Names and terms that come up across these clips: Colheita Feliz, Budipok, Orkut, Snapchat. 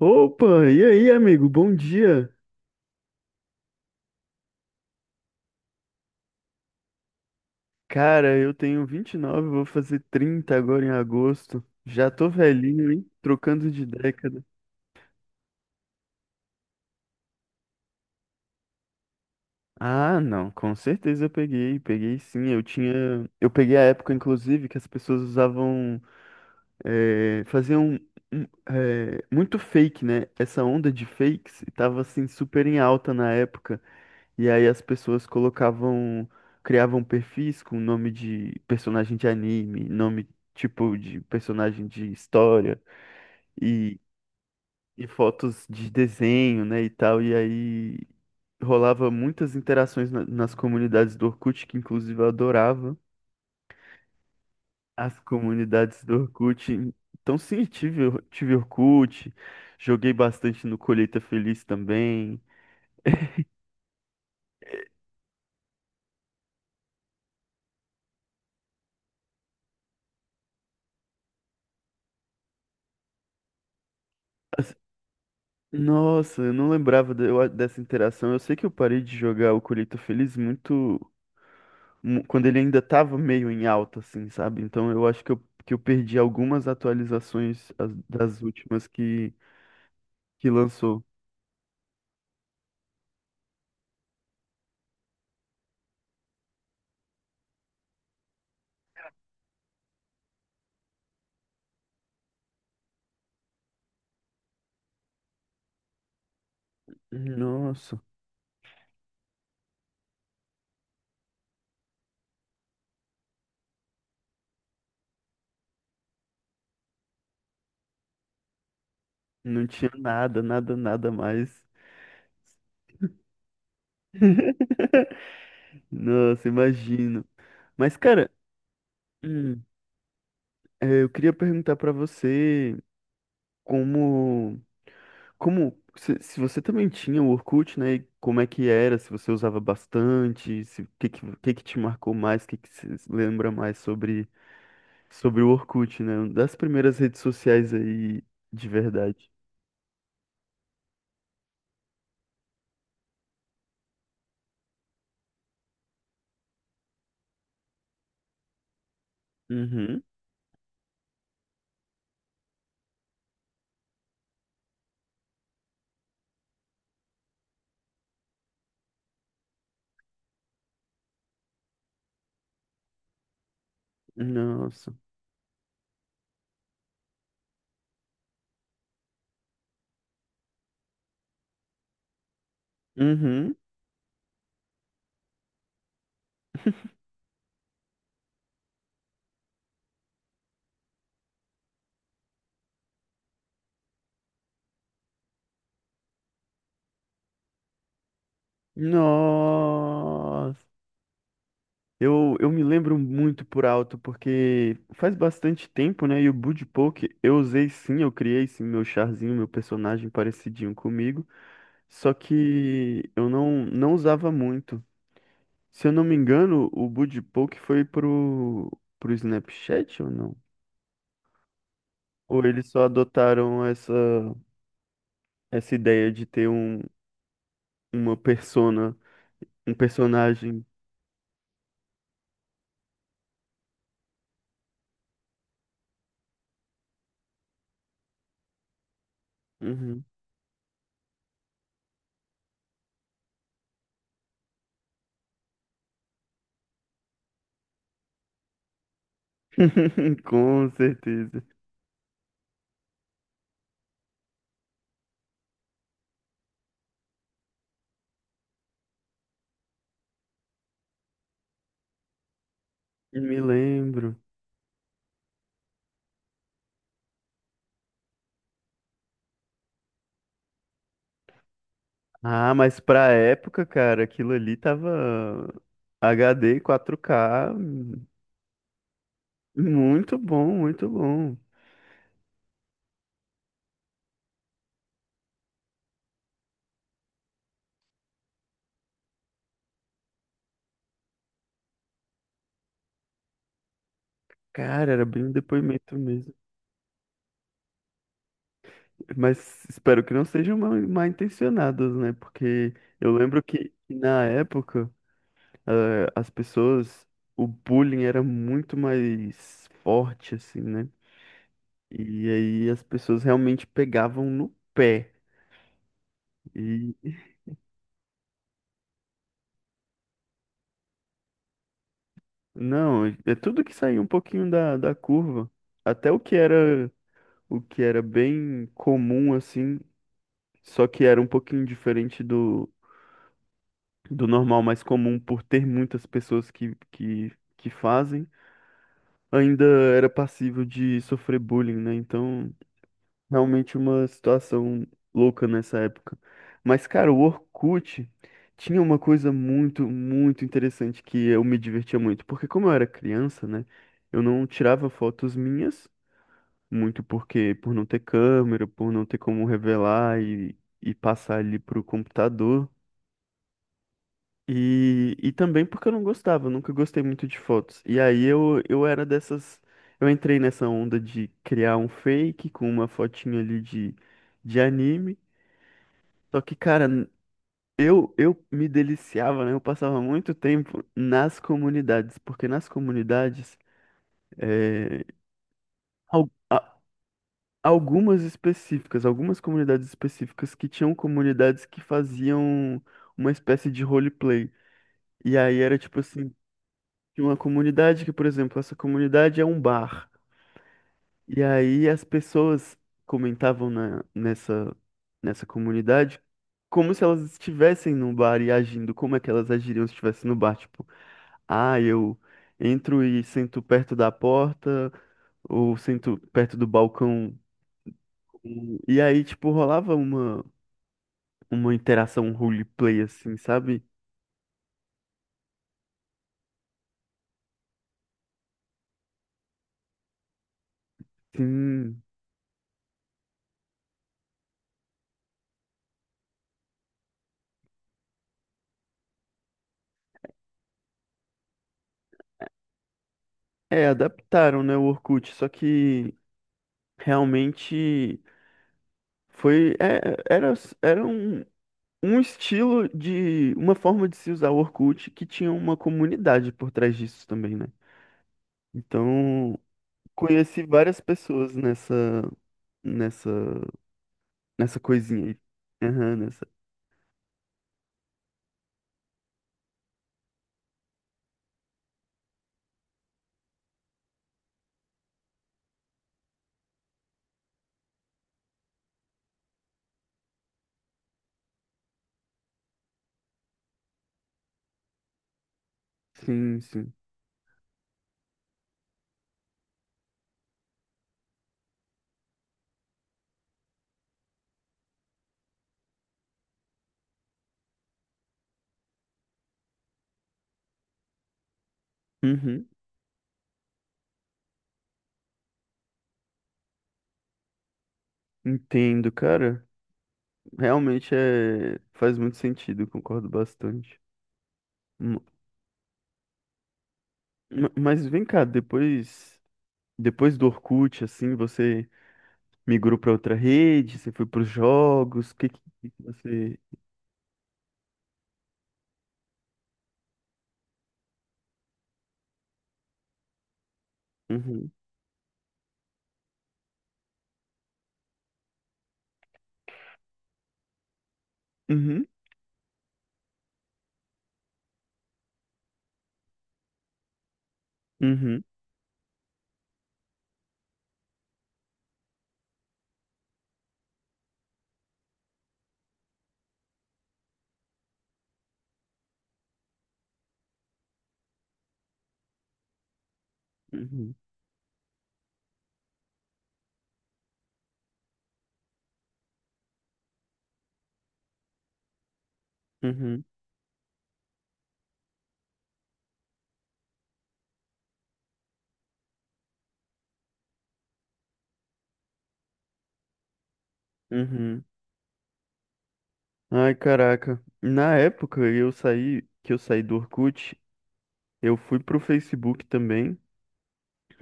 Opa, e aí, amigo? Bom dia. Cara, eu tenho 29, vou fazer 30 agora em agosto. Já tô velhinho, hein? Trocando de década. Ah, não, com certeza eu peguei, peguei sim. Eu tinha, eu peguei a época, inclusive, que as pessoas usavam, faziam um, muito fake, né? Essa onda de fakes e tava assim super em alta na época. E aí as pessoas colocavam, criavam perfis com nome de personagem de anime, nome tipo de personagem de história e, e fotos de desenho, né, e tal. E aí rolava muitas interações nas comunidades do Orkut, que inclusive eu adorava as comunidades do Orkut. Então sim, tive, tive Orkut, joguei bastante no Colheita Feliz também. Nossa, eu não lembrava dessa interação. Eu sei que eu parei de jogar o Colheita Feliz muito quando ele ainda tava meio em alta, assim, sabe? Então eu acho que eu perdi algumas atualizações das últimas que lançou. Nossa, não tinha nada, nada, nada mais. Nossa, imagino. Mas, cara, hum, eu queria perguntar pra você como. Como se você também tinha o Orkut, né? E como é que era? Se você usava bastante, se, o que que te marcou mais, o que que você se lembra mais sobre o Orkut, né? Uma das primeiras redes sociais aí de verdade. Uhum. Nossa. Uhum. Nossa. Eu me lembro muito por alto, porque faz bastante tempo, né? E o Budipok eu usei sim, eu criei sim meu charzinho, meu personagem parecidinho comigo. Só que eu não, não usava muito. Se eu não me engano, o Buddy Poke foi pro Snapchat ou não? Ou eles só adotaram essa ideia de ter uma persona, um personagem. Uhum. Com certeza. Me lembro. Ah, mas pra época, cara, aquilo ali tava HD 4K hum, muito bom, muito bom. Cara, era bem um depoimento mesmo. Mas espero que não sejam mal, mal intencionadas, né? Porque eu lembro que na época as pessoas, o bullying era muito mais forte, assim, né? E aí as pessoas realmente pegavam no pé. E não, é tudo que saía um pouquinho da curva. Até o que era bem comum, assim, só que era um pouquinho diferente do normal mais comum por ter muitas pessoas que fazem. Ainda era passível de sofrer bullying, né? Então, realmente uma situação louca nessa época. Mas, cara, o Orkut tinha uma coisa muito, muito interessante que eu me divertia muito. Porque como eu era criança, né? Eu não tirava fotos minhas, muito porque por não ter câmera, por não ter como revelar e passar ali pro computador. E também porque eu não gostava, eu nunca gostei muito de fotos. E aí eu era dessas. Eu entrei nessa onda de criar um fake com uma fotinha ali de anime. Só que, cara, eu me deliciava, né? Eu passava muito tempo nas comunidades, porque nas comunidades, é, al- a- algumas específicas, algumas comunidades específicas que tinham comunidades que faziam uma espécie de roleplay. E aí era tipo assim. De uma comunidade que, por exemplo, essa comunidade é um bar. E aí as pessoas comentavam nessa comunidade como se elas estivessem num bar e agindo, como é que elas agiriam se estivessem no bar, tipo, ah, eu entro e sento perto da porta ou sento perto do balcão. E aí, tipo, rolava uma interação roleplay, assim, sabe? Sim. É, adaptaram, né, o Orkut, só que realmente foi, era um estilo de, uma forma de se usar o Orkut que tinha uma comunidade por trás disso também, né? Então, conheci várias pessoas nessa, nessa coisinha aí. Aham, nessa. Sim, sim. Uhum. Entendo, cara. Realmente é, faz muito sentido, concordo bastante. M- Mas vem cá, depois, depois do Orkut, assim, você migrou para outra rede? Você foi para os jogos? O que você. Uhum, uhum, uhum, uhum, uhum, uhum. Ai, caraca. Na época eu saí, que eu saí do Orkut, eu fui pro Facebook também,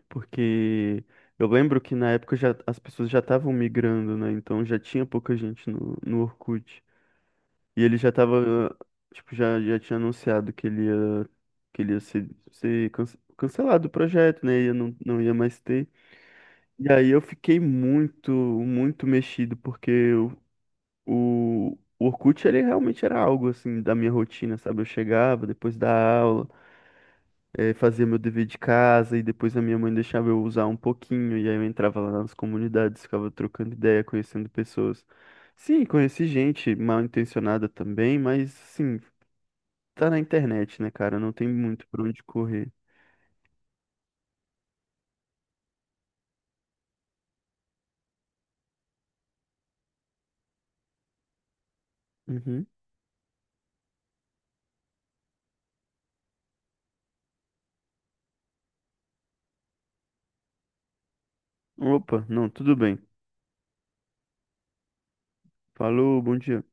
porque eu lembro que na época já, as pessoas já estavam migrando, né? Então já tinha pouca gente no Orkut. E ele já tava, tipo, já, já tinha anunciado que ele ia ser cancelado o projeto, né? Ia, não, não ia mais ter. E aí eu fiquei muito, muito mexido, porque o Orkut, ele realmente era algo, assim, da minha rotina, sabe? Eu chegava depois da aula, fazia meu dever de casa, e depois a minha mãe deixava eu usar um pouquinho, e aí eu entrava lá nas comunidades, ficava trocando ideia, conhecendo pessoas. Sim, conheci gente mal intencionada também, mas, assim, tá na internet, né, cara? Não tem muito pra onde correr. Uhum. Opa, não, tudo bem. Falou, bom dia.